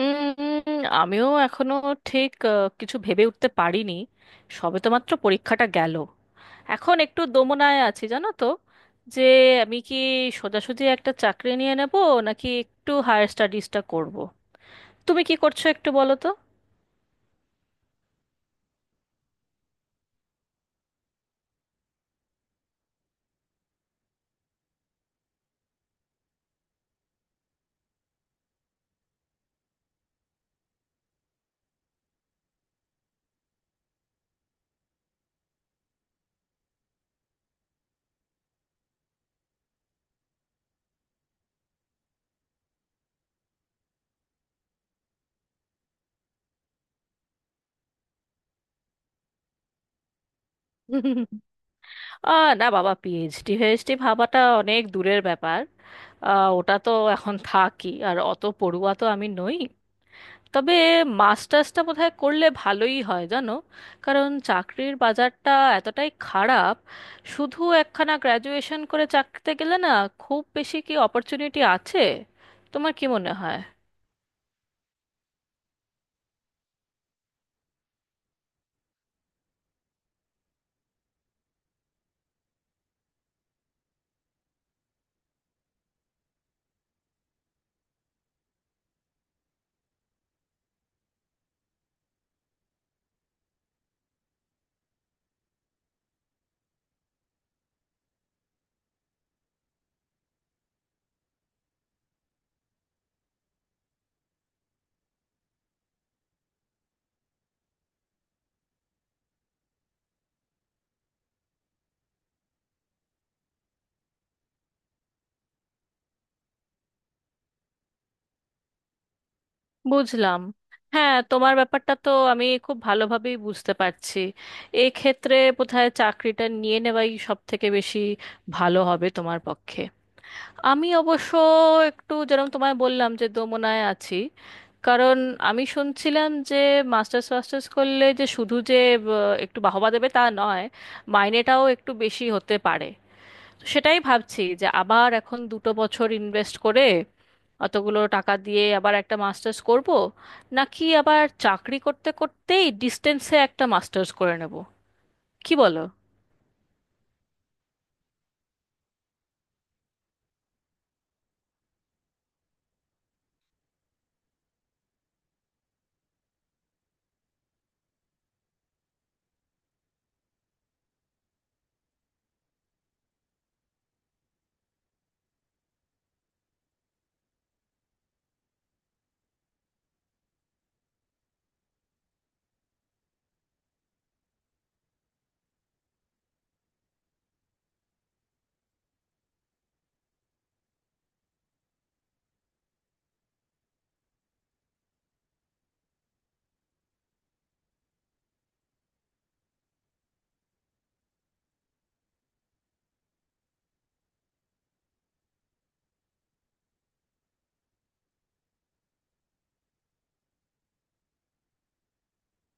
আমিও এখনো ঠিক কিছু ভেবে উঠতে পারিনি। সবে তো মাত্র পরীক্ষাটা গেল। এখন একটু দোমনায় আছি জানো তো, যে আমি কি সোজাসুজি একটা চাকরি নিয়ে নেব, নাকি একটু হায়ার স্টাডিজটা করব। তুমি কি করছো একটু বলো তো। আহ না বাবা, পিএইচডি ফিএইচডি ভাবাটা অনেক দূরের ব্যাপার। ওটা তো এখন থাকি, আর অত পড়ুয়া তো আমি নই। তবে মাস্টার্সটা বোধহয় করলে ভালোই হয় জানো। কারণ চাকরির বাজারটা এতটাই খারাপ, শুধু একখানা গ্র্যাজুয়েশন করে চাকরিতে গেলে না খুব বেশি কি অপরচুনিটি আছে? তোমার কি মনে হয়? বুঝলাম। হ্যাঁ, তোমার ব্যাপারটা তো আমি খুব ভালোভাবেই বুঝতে পারছি। এক্ষেত্রে বোধহয় চাকরিটা নিয়ে নেওয়াই সব থেকে বেশি ভালো হবে তোমার পক্ষে। আমি অবশ্য একটু যেরকম তোমায় বললাম যে দোমনায় আছি, কারণ আমি শুনছিলাম যে মাস্টার্স ফাস্টার্স করলে যে শুধু যে একটু বাহবা দেবে তা নয়, মাইনেটাও একটু বেশি হতে পারে। তো সেটাই ভাবছি, যে আবার এখন 2 বছর ইনভেস্ট করে অতগুলো টাকা দিয়ে আবার একটা মাস্টার্স করব, নাকি আবার চাকরি করতে করতেই ডিস্টেন্সে একটা মাস্টার্স করে নেব। কি বলো?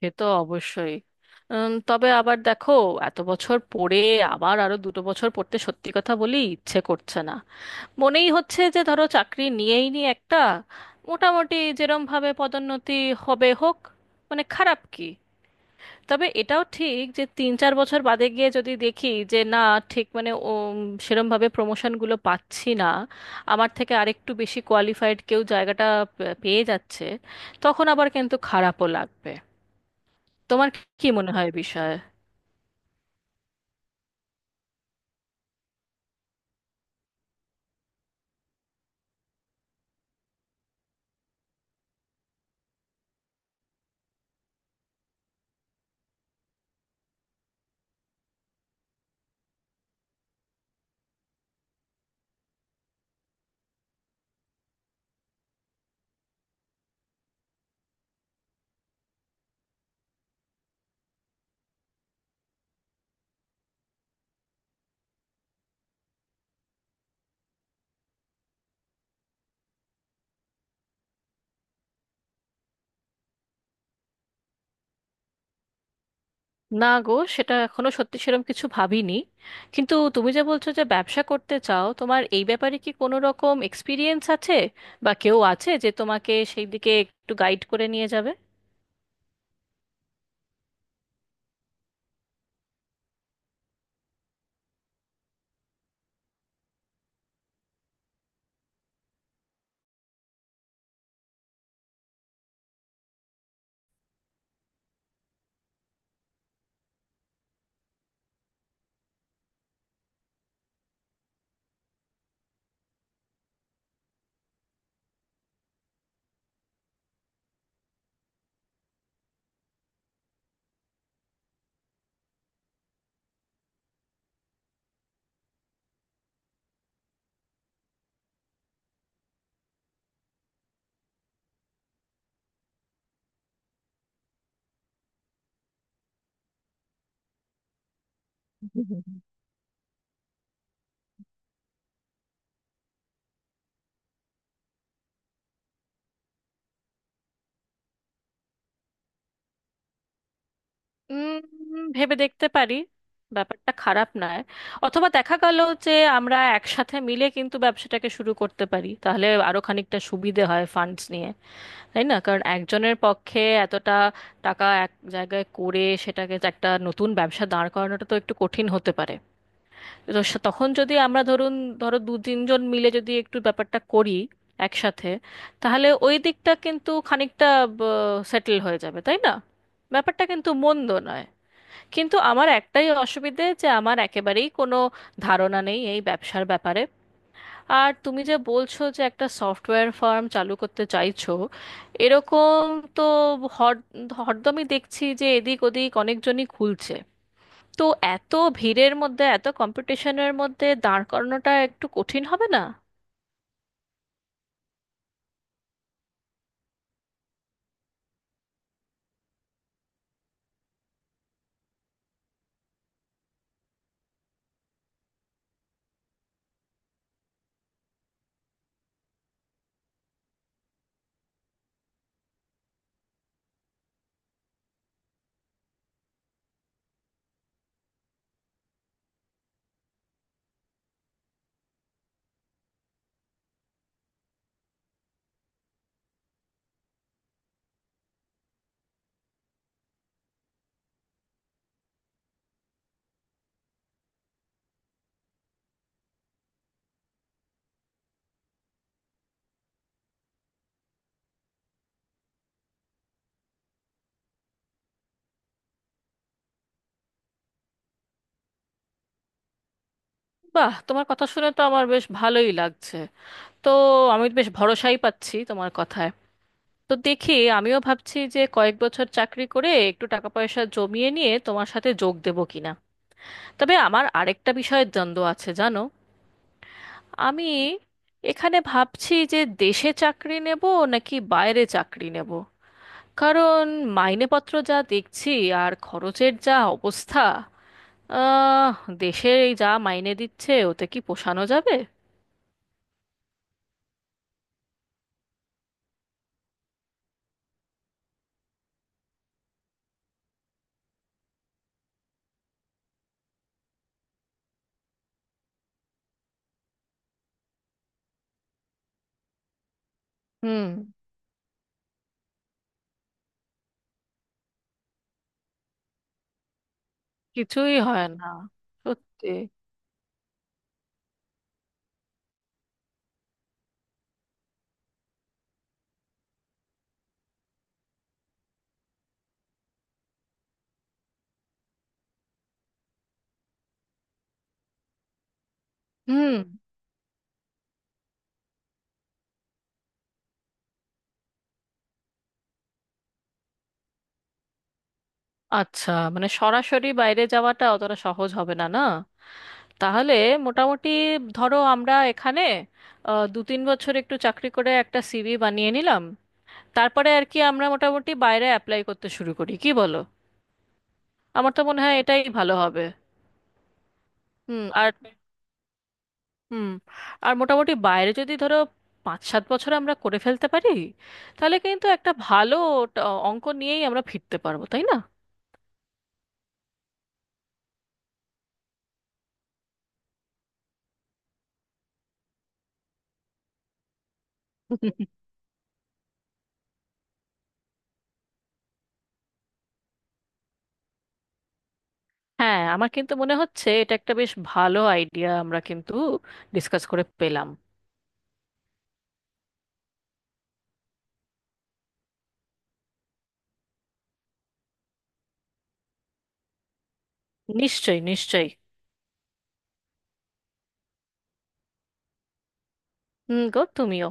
সে তো অবশ্যই। তবে আবার দেখো, এত বছর পড়ে আবার আরো 2 বছর পড়তে সত্যি কথা বলি ইচ্ছে করছে না। মনেই হচ্ছে যে ধরো চাকরি নিয়েই নি একটা, মোটামুটি যেরম ভাবে পদোন্নতি হবে হোক, মানে খারাপ কি। তবে এটাও ঠিক যে 3-4 বছর বাদে গিয়ে যদি দেখি যে না, ঠিক মানে ও সেরম ভাবে প্রমোশনগুলো পাচ্ছি না, আমার থেকে আরেকটু বেশি কোয়ালিফাইড কেউ জায়গাটা পেয়ে যাচ্ছে, তখন আবার কিন্তু খারাপও লাগবে। তোমার কি মনে হয় বিষয়ে? না গো, সেটা এখনো সত্যি সেরকম কিছু ভাবিনি। কিন্তু তুমি যে বলছো যে ব্যবসা করতে চাও, তোমার এই ব্যাপারে কি কোনো রকম এক্সপিরিয়েন্স আছে, বা কেউ আছে যে তোমাকে সেই দিকে একটু গাইড করে নিয়ে যাবে? উম, ভেবে দেখতে পারি, ব্যাপারটা খারাপ নয়। অথবা দেখা গেল যে আমরা একসাথে মিলে কিন্তু ব্যবসাটাকে শুরু করতে পারি, তাহলে আরো খানিকটা সুবিধে হয় ফান্ডস নিয়ে, তাই না? কারণ একজনের পক্ষে এতটা টাকা এক জায়গায় করে সেটাকে যে একটা নতুন ব্যবসা দাঁড় করানোটা তো একটু কঠিন হতে পারে। তো তখন যদি আমরা ধরুন, ধরো 2-3 জন মিলে যদি একটু ব্যাপারটা করি একসাথে, তাহলে ওই দিকটা কিন্তু খানিকটা সেটেল হয়ে যাবে, তাই না? ব্যাপারটা কিন্তু মন্দ নয়। কিন্তু আমার একটাই অসুবিধে, যে আমার একেবারেই কোনো ধারণা নেই এই ব্যবসার ব্যাপারে। আর তুমি যে বলছো যে একটা সফটওয়্যার ফার্ম চালু করতে চাইছো এরকম, তো হর হরদমই দেখছি যে এদিক ওদিক অনেকজনই খুলছে। তো এত ভিড়ের মধ্যে, এত কম্পিটিশনের মধ্যে দাঁড় করানোটা একটু কঠিন হবে না? বাহ, তোমার কথা শুনে তো আমার বেশ ভালোই লাগছে। তো আমি বেশ ভরসাই পাচ্ছি তোমার কথায়। তো দেখি, আমিও ভাবছি যে কয়েক বছর চাকরি করে একটু টাকা পয়সা জমিয়ে নিয়ে তোমার সাথে যোগ দেবো কিনা। তবে আমার আরেকটা বিষয়ে দ্বন্দ্ব আছে জানো। আমি এখানে ভাবছি যে দেশে চাকরি নেব নাকি বাইরে চাকরি নেব। কারণ মাইনেপত্র যা দেখছি আর খরচের যা অবস্থা, আহ দেশে এই যা মাইনে দিচ্ছে ওতে কি পোষানো যাবে? হুম। কিছুই হয় না। সত্যি। হুম। আচ্ছা, মানে সরাসরি বাইরে যাওয়াটা অতটা সহজ হবে না, না? তাহলে মোটামুটি ধরো আমরা এখানে 2-3 বছর একটু চাকরি করে একটা সিভি বানিয়ে নিলাম, তারপরে আর কি আমরা মোটামুটি বাইরে অ্যাপ্লাই করতে শুরু করি, কি বলো? আমার তো মনে হয় এটাই ভালো হবে। হুম। আর হুম, আর মোটামুটি বাইরে যদি ধরো 5-7 বছর আমরা করে ফেলতে পারি, তাহলে কিন্তু একটা ভালো ট- অঙ্ক নিয়েই আমরা ফিরতে পারবো, তাই না? হ্যাঁ, আমার কিন্তু মনে হচ্ছে এটা একটা বেশ ভালো আইডিয়া, আমরা কিন্তু ডিসকাস করে পেলাম। নিশ্চয়ই, নিশ্চয়ই। হুম গো, তুমিও।